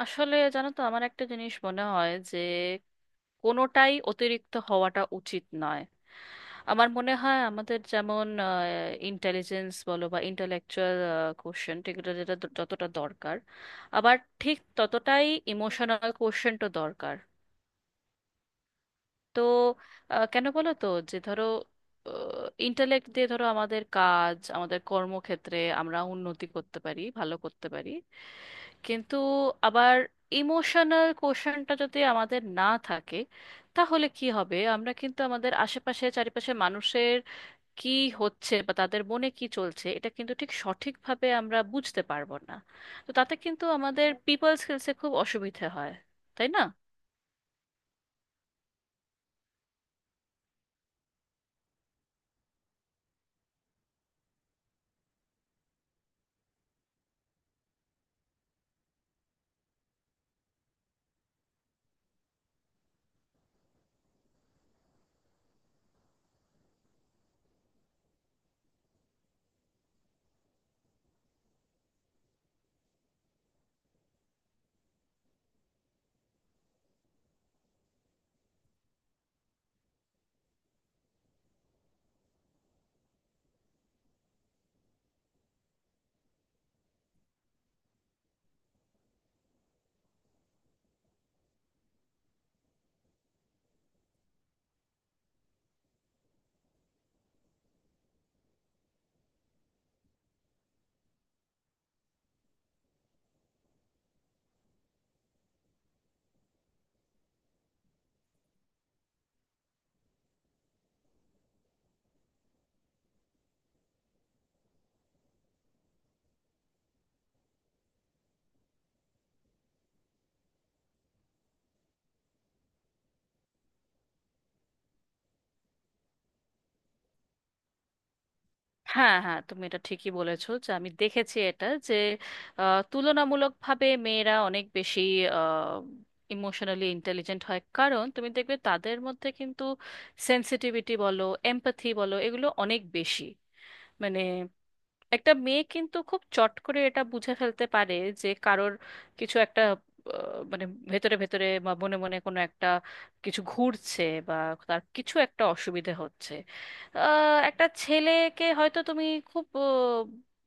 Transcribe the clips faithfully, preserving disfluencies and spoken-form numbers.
আসলে জানো তো, আমার একটা জিনিস মনে হয় যে কোনোটাই অতিরিক্ত হওয়াটা উচিত নয়। আমার মনে হয় আমাদের যেমন ইন্টেলিজেন্স বলো বা ইন্টালেকচুয়াল কোশ্চেন, এগুলো যেটা দ- যতটা দরকার, আবার ঠিক ততটাই ইমোশনাল কোশ্চেনটা দরকার। তো আহ, কেন বলো তো, যে ধরো ইন্টালেক্ট দিয়ে, ধরো আমাদের কাজ, আমাদের কর্মক্ষেত্রে আমরা উন্নতি করতে পারি, ভালো করতে পারি। কিন্তু আবার ইমোশনাল কোশ্চেনটা যদি আমাদের না থাকে তাহলে কি হবে? আমরা কিন্তু আমাদের আশেপাশে চারিপাশে মানুষের কি হচ্ছে বা তাদের মনে কি চলছে, এটা কিন্তু ঠিক সঠিকভাবে আমরা বুঝতে পারবো না। তো তাতে কিন্তু আমাদের পিপল স্কিলসে খুব অসুবিধে হয়, তাই না? হ্যাঁ হ্যাঁ, তুমি এটা ঠিকই বলেছো, যে আমি দেখেছি এটা যে আহ, তুলনামূলকভাবে মেয়েরা অনেক বেশি ইমোশনালি ইন্টেলিজেন্ট হয়, কারণ তুমি দেখবে তাদের মধ্যে কিন্তু সেন্সিটিভিটি বলো, এমপ্যাথি বলো, এগুলো অনেক বেশি। মানে একটা মেয়ে কিন্তু খুব চট করে এটা বুঝে ফেলতে পারে যে কারোর কিছু একটা আহ, মানে ভেতরে ভেতরে বা মনে মনে কোনো একটা কিছু ঘুরছে বা তার কিছু একটা অসুবিধে হচ্ছে। আহ, একটা ছেলেকে হয়তো তুমি খুব আহ,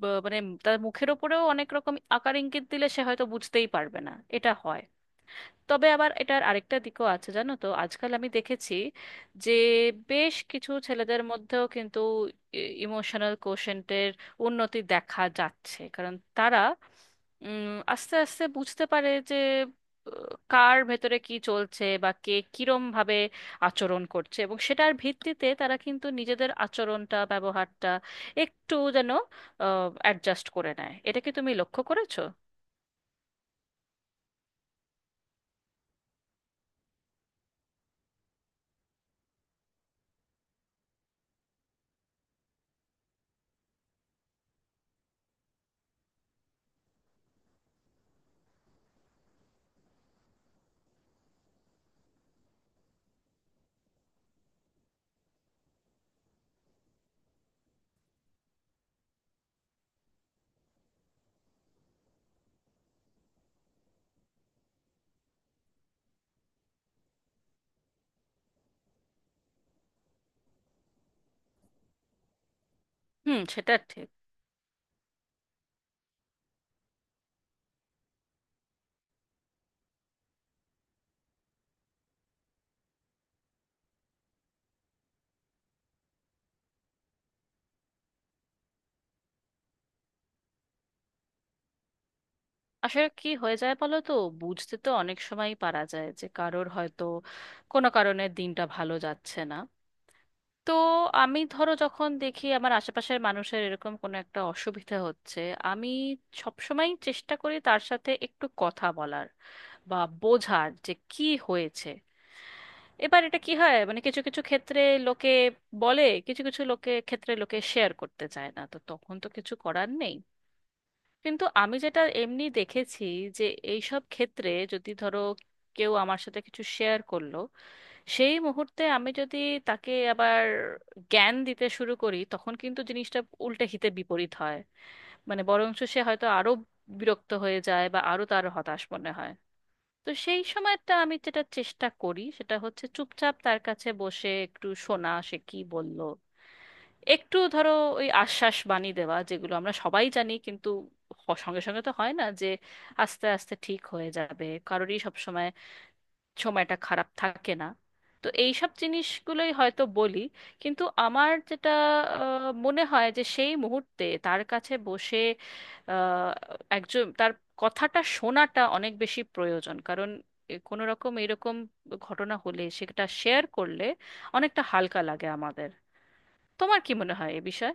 ব- মানে তার মুখের ওপরেও অনেক রকম আকার ইঙ্গিত দিলে সে হয়তো বুঝতেই পারবে না। এটা হয়। তবে আবার এটার আরেকটা দিকও আছে, জানো তো, আজকাল আমি দেখেছি যে বেশ কিছু ছেলেদের মধ্যেও কিন্তু ইমোশনাল কোশেন্টের উন্নতি দেখা যাচ্ছে, কারণ তারা উম, আস্তে আস্তে বুঝতে পারে যে আহ, কার ভেতরে কি চলছে বা কে কিরম ভাবে আচরণ করছে, এবং সেটার ভিত্তিতে তারা কিন্তু নিজেদের আচরণটা, ব্যবহারটা একটু যেন অ্যাডজাস্ট করে নেয়। এটা কি তুমি লক্ষ্য করেছো? হুম, সেটা ঠিক। আসলে কি হয়ে যায় বলো তো, বুঝতে তো অনেক সময়ই পারা যায় যে কারোর হয়তো কোনো কারণে দিনটা ভালো যাচ্ছে না। তো আমি ধরো যখন দেখি আমার আশেপাশের মানুষের এরকম কোনো একটা অসুবিধা হচ্ছে, আমি সবসময় চেষ্টা করি তার সাথে একটু কথা বলার, বা বোঝার যে কি হয়েছে। এবার এটা কি হয়, মানে কিছু কিছু ক্ষেত্রে লোকে বলে, কিছু কিছু লোকে ক্ষেত্রে লোকে শেয়ার করতে চায় না, তো তখন তো কিছু করার নেই। কিন্তু আমি যেটা এমনি দেখেছি যে এইসব ক্ষেত্রে যদি ধরো কেউ আমার সাথে কিছু শেয়ার করলো, সেই মুহূর্তে আমি যদি তাকে আবার জ্ঞান দিতে শুরু করি, তখন কিন্তু জিনিসটা উল্টে হিতে বিপরীত হয়। মানে বরঞ্চ সে হয়তো আরো বিরক্ত হয়ে যায় বা আরো তার হতাশ মনে হয়। তো সেই সময়টা আমি যেটা চেষ্টা করি সেটা হচ্ছে চুপচাপ তার কাছে বসে একটু শোনা সে কি বলল, একটু ধরো ওই আশ্বাস বাণী দেওয়া, যেগুলো আমরা সবাই জানি কিন্তু হ- সঙ্গে সঙ্গে তো হয় না, যে আস্তে আস্তে ঠিক হয়ে যাবে, কারোরই সব সময় সময়টা খারাপ থাকে না। তো এই সব জিনিসগুলোই হয়তো বলি। কিন্তু আমার যেটা আহ, মনে হয় যে সেই মুহূর্তে তার কাছে বসে আহ, একজন তার কথাটা শোনাটা অনেক বেশি প্রয়োজন, কারণ এ কোনো রকম এরকম ঘটনা হলে সেটা শেয়ার করলে অনেকটা হালকা লাগে আমাদের। তোমার কি মনে হয় এ বিষয়ে?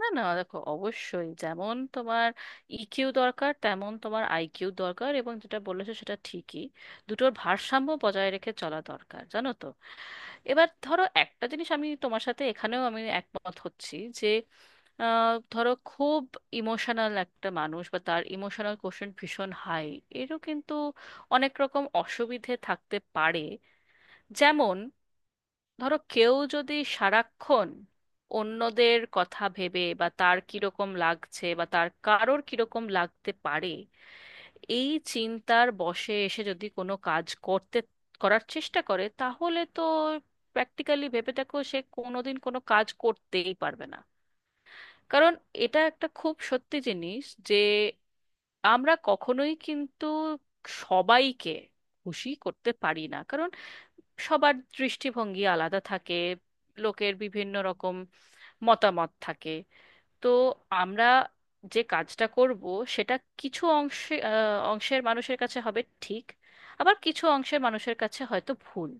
না না, দেখো, অবশ্যই, যেমন তোমার ইকিউ দরকার তেমন তোমার আইকিউ দরকার, এবং যেটা বলেছো সেটা ঠিকই, দুটোর ভারসাম্য বজায় রেখে চলা দরকার, জানো তো। এবার ধরো একটা জিনিস, আমি তোমার সাথে এখানেও আমি একমত হচ্ছি যে আহ, ধরো খুব ইমোশনাল একটা মানুষ, বা তার ইমোশনাল কোশ্চেন ভীষণ হাই, এরও কিন্তু অনেক রকম অসুবিধে থাকতে পারে। যেমন ধরো কেউ যদি সারাক্ষণ অন্যদের কথা ভেবে, বা তার কিরকম লাগছে বা তার কারোর কিরকম লাগতে পারে, এই চিন্তার বশে এসে যদি কোনো কাজ করতে করার চেষ্টা করে, তাহলে তো প্র্যাকটিক্যালি ভেবে দেখো সে কোনোদিন কোনো কাজ করতেই পারবে না। কারণ এটা একটা খুব সত্যি জিনিস যে আমরা কখনোই কিন্তু সবাইকে খুশি করতে পারি না, কারণ সবার দৃষ্টিভঙ্গি আলাদা থাকে, লোকের বিভিন্ন রকম মতামত থাকে। তো আমরা যে কাজটা করব, সেটা কিছু অংশে আহ, অংশের মানুষের কাছে হবে ঠিক, আবার কিছু অংশের মানুষের কাছে হয়তো ভুল।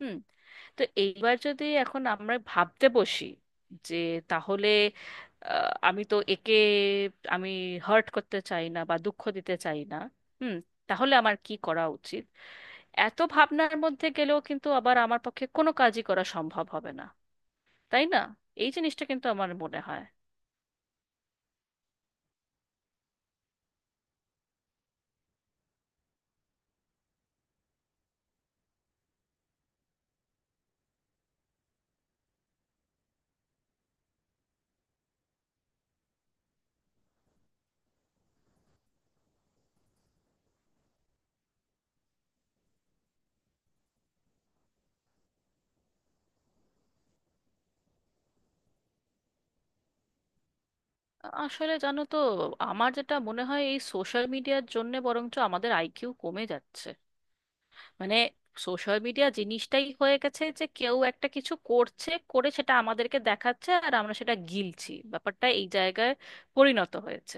হুম। তো এইবার যদি এখন আমরা ভাবতে বসি যে, তাহলে আহ, আমি তো একে আমি হার্ট করতে চাই না বা দুঃখ দিতে চাই না, হুম, তাহলে আমার কি করা উচিত, এত ভাবনার মধ্যে গেলেও কিন্তু আবার আমার পক্ষে কোনো কাজই করা সম্ভব হবে না, তাই না? এই জিনিসটা কিন্তু আমার মনে হয়। আসলে জানো তো, আমার যেটা মনে হয় এই সোশ্যাল মিডিয়ার জন্য বরঞ্চ আমাদের আইকিউ কমে যাচ্ছে। মানে সোশ্যাল মিডিয়া জিনিসটাই হয়ে গেছে যে কেউ একটা কিছু করছে, করে সেটা আমাদেরকে দেখাচ্ছে আর আমরা সেটা গিলছি, ব্যাপারটা এই জায়গায় পরিণত হয়েছে।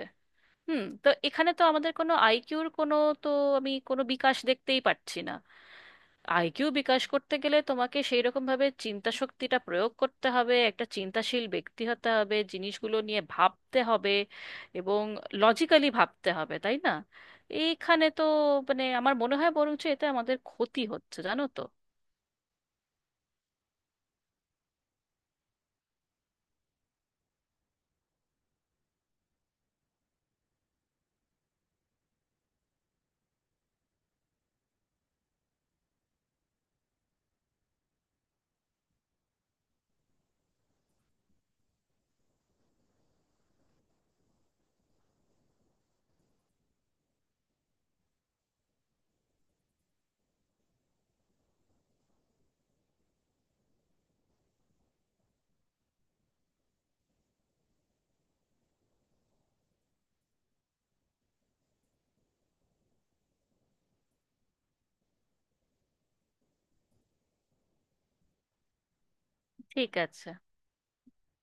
হুম। তো এখানে তো আমাদের কোনো আইকিউর কোনো, তো আমি কোনো বিকাশ দেখতেই পাচ্ছি না। আইকিউ বিকাশ করতে গেলে তোমাকে সেই রকম ভাবে চিন্তা শক্তিটা প্রয়োগ করতে হবে, একটা চিন্তাশীল ব্যক্তি হতে হবে, জিনিসগুলো নিয়ে ভাবতে হবে, এবং লজিক্যালি ভাবতে হবে, তাই না? এইখানে তো মানে আমার মনে হয় বরঞ্চ এতে আমাদের ক্ষতি হচ্ছে, জানো তো। ঠিক আছে।